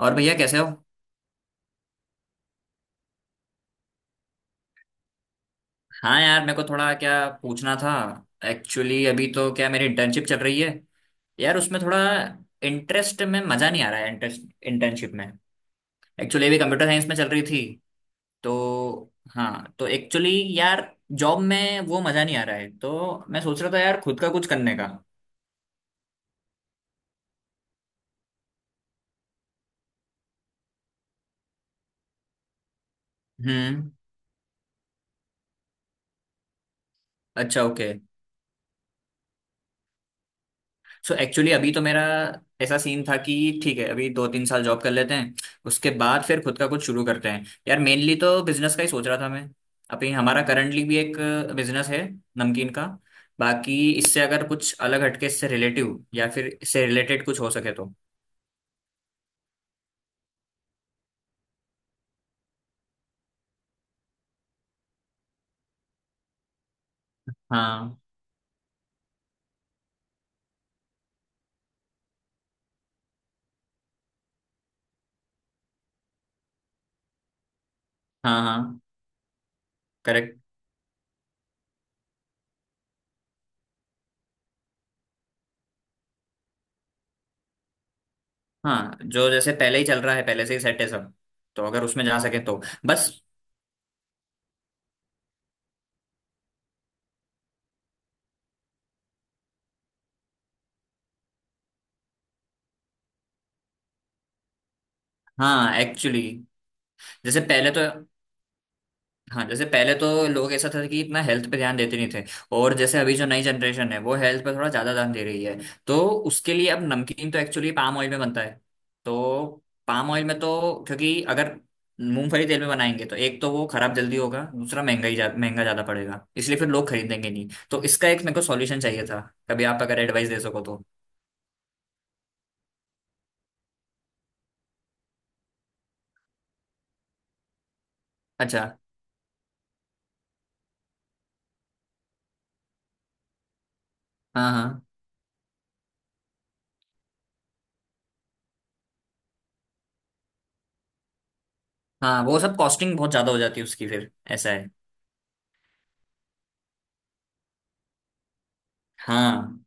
और भैया कैसे हो? हाँ यार, मेरे को थोड़ा क्या पूछना था। एक्चुअली अभी तो क्या, मेरी इंटर्नशिप चल रही है। यार उसमें थोड़ा इंटरेस्ट में मज़ा नहीं आ रहा है, इंटरेस्ट इंटर्नशिप में। एक्चुअली अभी कंप्यूटर साइंस में चल रही थी। तो हाँ तो एक्चुअली, यार, जॉब में वो मज़ा नहीं आ रहा है, तो मैं सोच रहा था यार, खुद का कुछ करने का। हम्म। अच्छा, ओके। सो एक्चुअली, अभी तो मेरा ऐसा सीन था कि ठीक है, अभी दो तीन साल जॉब कर लेते हैं, उसके बाद फिर खुद का कुछ शुरू करते हैं यार, मेनली तो बिजनेस का ही सोच रहा था मैं। अभी हमारा करंटली भी एक बिजनेस है, नमकीन का। बाकी इससे अगर कुछ अलग हटके, इससे रिलेटिव या फिर इससे रिलेटेड कुछ हो सके तो। हाँ, हाँ, हाँ, करेक्ट। हाँ, जो जैसे पहले ही चल रहा है, पहले से ही सेट है सब, तो अगर उसमें जा सके तो बस। हाँ एक्चुअली, जैसे पहले तो हाँ जैसे पहले तो लोग, ऐसा था कि इतना हेल्थ पे ध्यान देते नहीं थे। और जैसे अभी जो नई जनरेशन है, वो हेल्थ पे थोड़ा ज्यादा ध्यान दे रही है। तो उसके लिए अब नमकीन तो एक्चुअली पाम ऑयल में बनता है। तो पाम ऑयल में तो, क्योंकि अगर मूंगफली तेल में बनाएंगे तो एक तो वो खराब जल्दी होगा, दूसरा महंगा ज्यादा पड़ेगा, इसलिए फिर लोग खरीदेंगे नहीं, तो इसका एक मेरे को सॉल्यूशन चाहिए था। कभी आप अगर एडवाइस दे सको तो। अच्छा, हाँ, हाँ, हाँ, वो सब कॉस्टिंग बहुत ज्यादा हो जाती है उसकी, फिर ऐसा है। हाँ,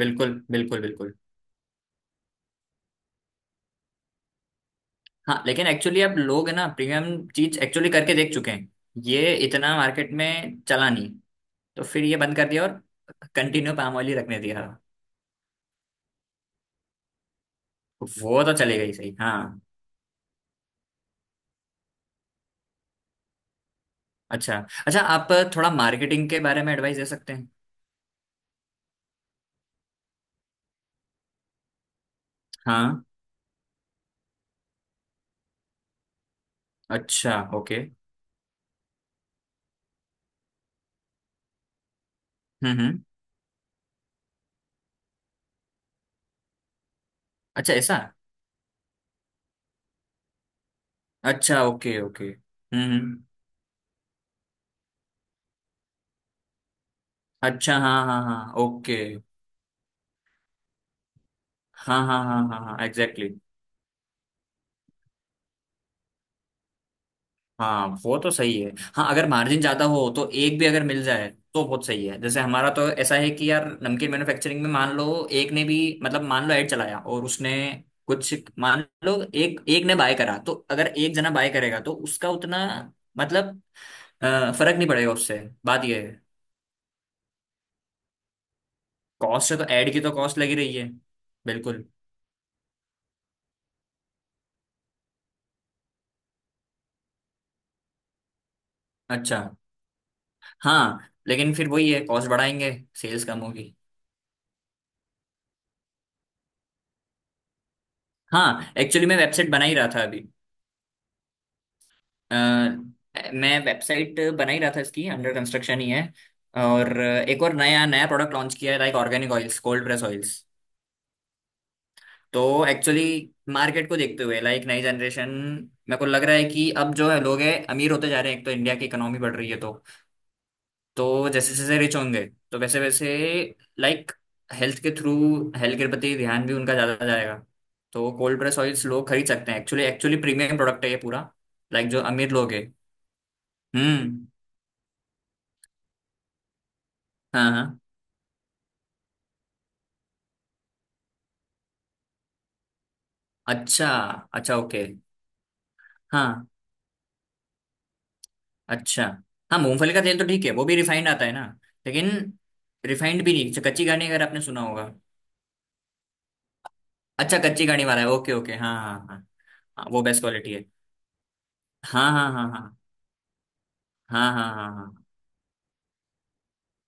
बिल्कुल, बिल्कुल, बिल्कुल। हाँ, लेकिन एक्चुअली अब लोग है ना, प्रीमियम चीज एक्चुअली करके देख चुके हैं। ये इतना मार्केट में चला नहीं, तो फिर ये बंद कर दिया और कंटिन्यू पाम ऑयल ही रखने दिया। वो तो चली गई सही, हाँ। अच्छा। अच्छा आप थोड़ा मार्केटिंग के बारे में एडवाइस दे सकते हैं? हाँ। अच्छा, ओके। हम्म, हम्म। अच्छा, ऐसा। अच्छा, ओके, ओके, हम्म, हम्म। अच्छा, हाँ, हाँ, हाँ, ओके। हाँ, हाँ, हाँ, हाँ, हाँ, एग्जैक्टली। हाँ, वो तो सही है। हाँ, अगर मार्जिन ज्यादा हो तो एक भी अगर मिल जाए तो बहुत सही है। जैसे हमारा तो ऐसा है कि यार, नमकीन मैन्युफैक्चरिंग में मान लो एक ने भी, मतलब मान लो ऐड चलाया और उसने कुछ, मान लो एक एक ने बाय करा, तो अगर एक जना बाय करेगा तो उसका उतना, मतलब फर्क नहीं पड़ेगा उससे। बात ये है, कॉस्ट से तो, ऐड की तो कॉस्ट लगी रही है। बिल्कुल। अच्छा। हाँ, लेकिन फिर वही है, कॉस्ट बढ़ाएंगे, सेल्स कम होगी। हाँ एक्चुअली, मैं वेबसाइट बना ही रहा था अभी। अ, मैं वेबसाइट बना ही रहा था, इसकी अंडर कंस्ट्रक्शन ही है। और एक और नया नया प्रोडक्ट लॉन्च किया है, like organic oils, cold press oils. तो एक्चुअली, मार्केट को देखते हुए लाइक नई जनरेशन, मेरे को लग रहा है कि अब जो है, लोग हैं, अमीर होते जा रहे हैं। एक तो इंडिया की इकोनॉमी बढ़ रही है, तो जैसे जैसे रिच होंगे, तो वैसे वैसे लाइक हेल्थ के थ्रू हेल्थ के प्रति ध्यान भी उनका ज़्यादा जाएगा। तो कोल्ड प्रेस ऑयल्स लोग खरीद सकते हैं एक्चुअली एक्चुअली प्रीमियम प्रोडक्ट है ये पूरा, लाइक जो अमीर लोग हैं। हम्म, हाँ, हाँ। अच्छा, अच्छा, ओके। हाँ, अच्छा। हाँ, मूंगफली का तेल तो ठीक है, वो भी रिफाइंड आता है ना? लेकिन रिफाइंड भी नहीं, अच्छा, कच्ची घानी अगर आपने सुना होगा। अच्छा, कच्ची घानी वाला है, ओके, ओके, हाँ, हाँ, हाँ। हाँ, वो बेस्ट क्वालिटी है। हाँ, हाँ, हाँ, हाँ। हाँ, हाँ, हाँ, हाँ, हाँ।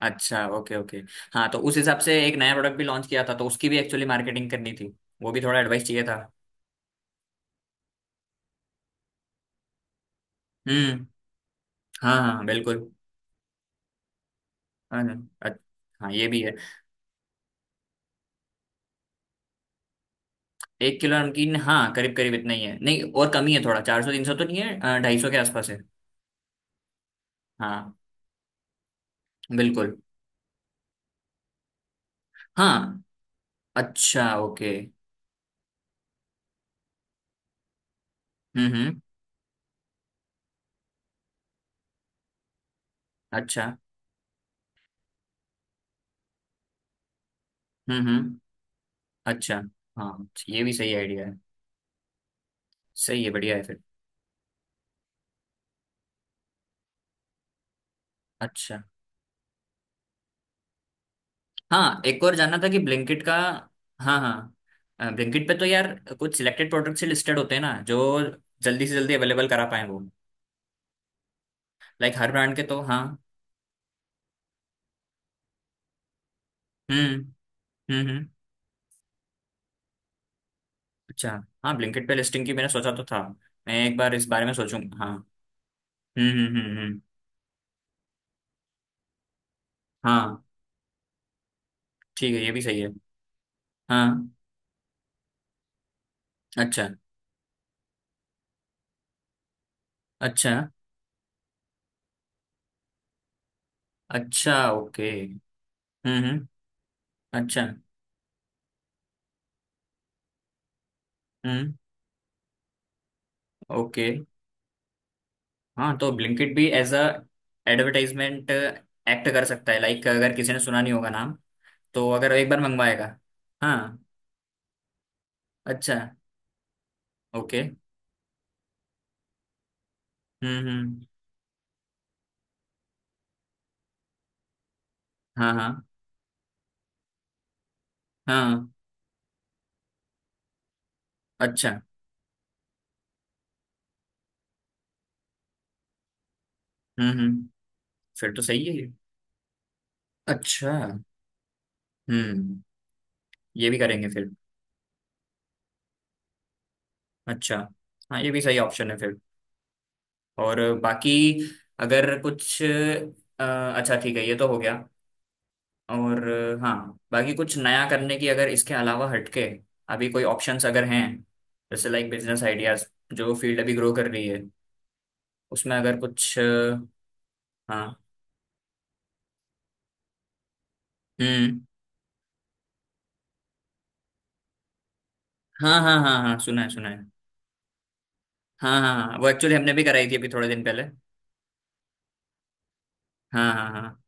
अच्छा, ओके, ओके। हाँ, तो उस हिसाब से एक नया प्रोडक्ट भी लॉन्च किया था, तो उसकी भी एक्चुअली मार्केटिंग करनी थी, वो भी थोड़ा एडवाइस चाहिए था। हम्म, हाँ, हाँ, हाँ, बिल्कुल। हाँ, अच्छा, हाँ, ये भी है। एक किलो नमकीन, हाँ, करीब करीब इतना ही है, नहीं और कम ही है थोड़ा, चार सौ तीन सौ तो नहीं है, ढाई सौ के आसपास है। हाँ, बिल्कुल। हाँ, अच्छा, ओके, हम्म, हम्म। अच्छा, हम्म, हम्म। अच्छा, हाँ, ये भी सही आइडिया है। सही है, बढ़िया है फिर। अच्छा, हाँ, एक और जानना था कि ब्लिंकिट का। हाँ, हाँ, ब्लिंकिट पे तो यार, कुछ सिलेक्टेड प्रोडक्ट्स ही लिस्टेड होते हैं ना, जो जल्दी से जल्दी अवेलेबल करा पाए वो। लाइक हर ब्रांड के, तो हाँ। हम्म, हम्म, हम्म। अच्छा, हाँ, ब्लिंकिट पे लिस्टिंग की मैंने सोचा तो था। मैं एक बार इस बारे में सोचूंगा, हाँ। हम्म, हम्म, हम्म, हाँ, ठीक है, ये भी सही है। हाँ। अच्छा, अच्छा, अच्छा, ओके, हम्म, अच्छा, हम्म, ओके। हाँ, तो ब्लिंकिट भी एज अ एडवर्टाइजमेंट एक्ट कर सकता है, लाइक अगर किसी ने सुना नहीं होगा नाम, तो अगर एक बार मंगवाएगा। हाँ, अच्छा, ओके, हम्म, हम्म। हाँ, हाँ, हाँ, अच्छा, हम्म, हम्म, फिर तो सही है ये। अच्छा, हम्म, ये भी करेंगे फिर। अच्छा, हाँ, ये भी सही ऑप्शन है फिर। और बाकी, अगर कुछ अच्छा ठीक है, ये तो हो गया। और हाँ, बाकी कुछ नया करने की अगर इसके अलावा हटके, अभी कोई ऑप्शंस अगर हैं, जैसे लाइक बिजनेस आइडियाज, जो फील्ड अभी ग्रो कर रही है, उसमें अगर कुछ हाँ, हम्म, हाँ, हाँ, हाँ, हाँ, सुना है, सुना है। हाँ, हाँ, हाँ, वो एक्चुअली हमने भी कराई थी अभी थोड़े दिन पहले। हाँ, हाँ, हाँ,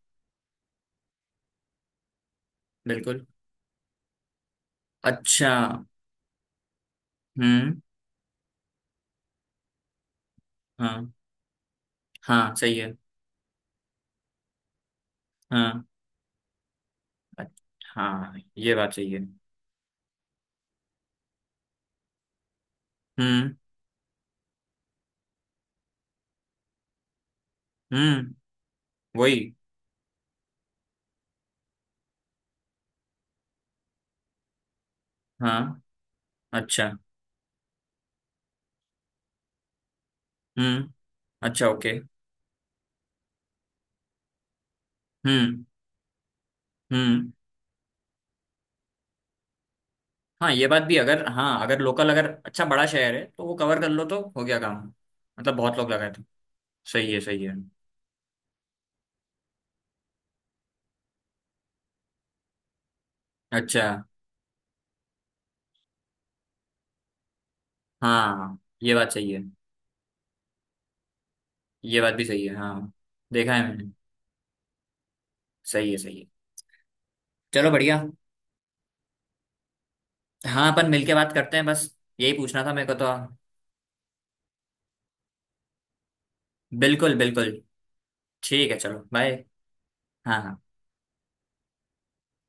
बिल्कुल। अच्छा, हम्म, हाँ, हाँ, सही है। हाँ, अच्छ- हाँ, ये बात सही है। हम्म, हम्म, वही। हाँ, अच्छा, हम्म, अच्छा, ओके, हम्म, हम्म। हाँ, ये बात भी, अगर, हाँ, अगर लोकल, अगर अच्छा बड़ा शहर है तो वो कवर कर लो तो हो गया काम। मतलब बहुत लोग लगाए थे। सही है, सही है। अच्छा, हाँ, ये बात सही है। ये बात भी सही है, हाँ। देखा है मैंने। सही है, सही है। चलो बढ़िया। हाँ, अपन मिलके बात करते हैं बस, यही पूछना था मेरे को तो। बिल्कुल, बिल्कुल। ठीक है, चलो बाय। हाँ, हाँ।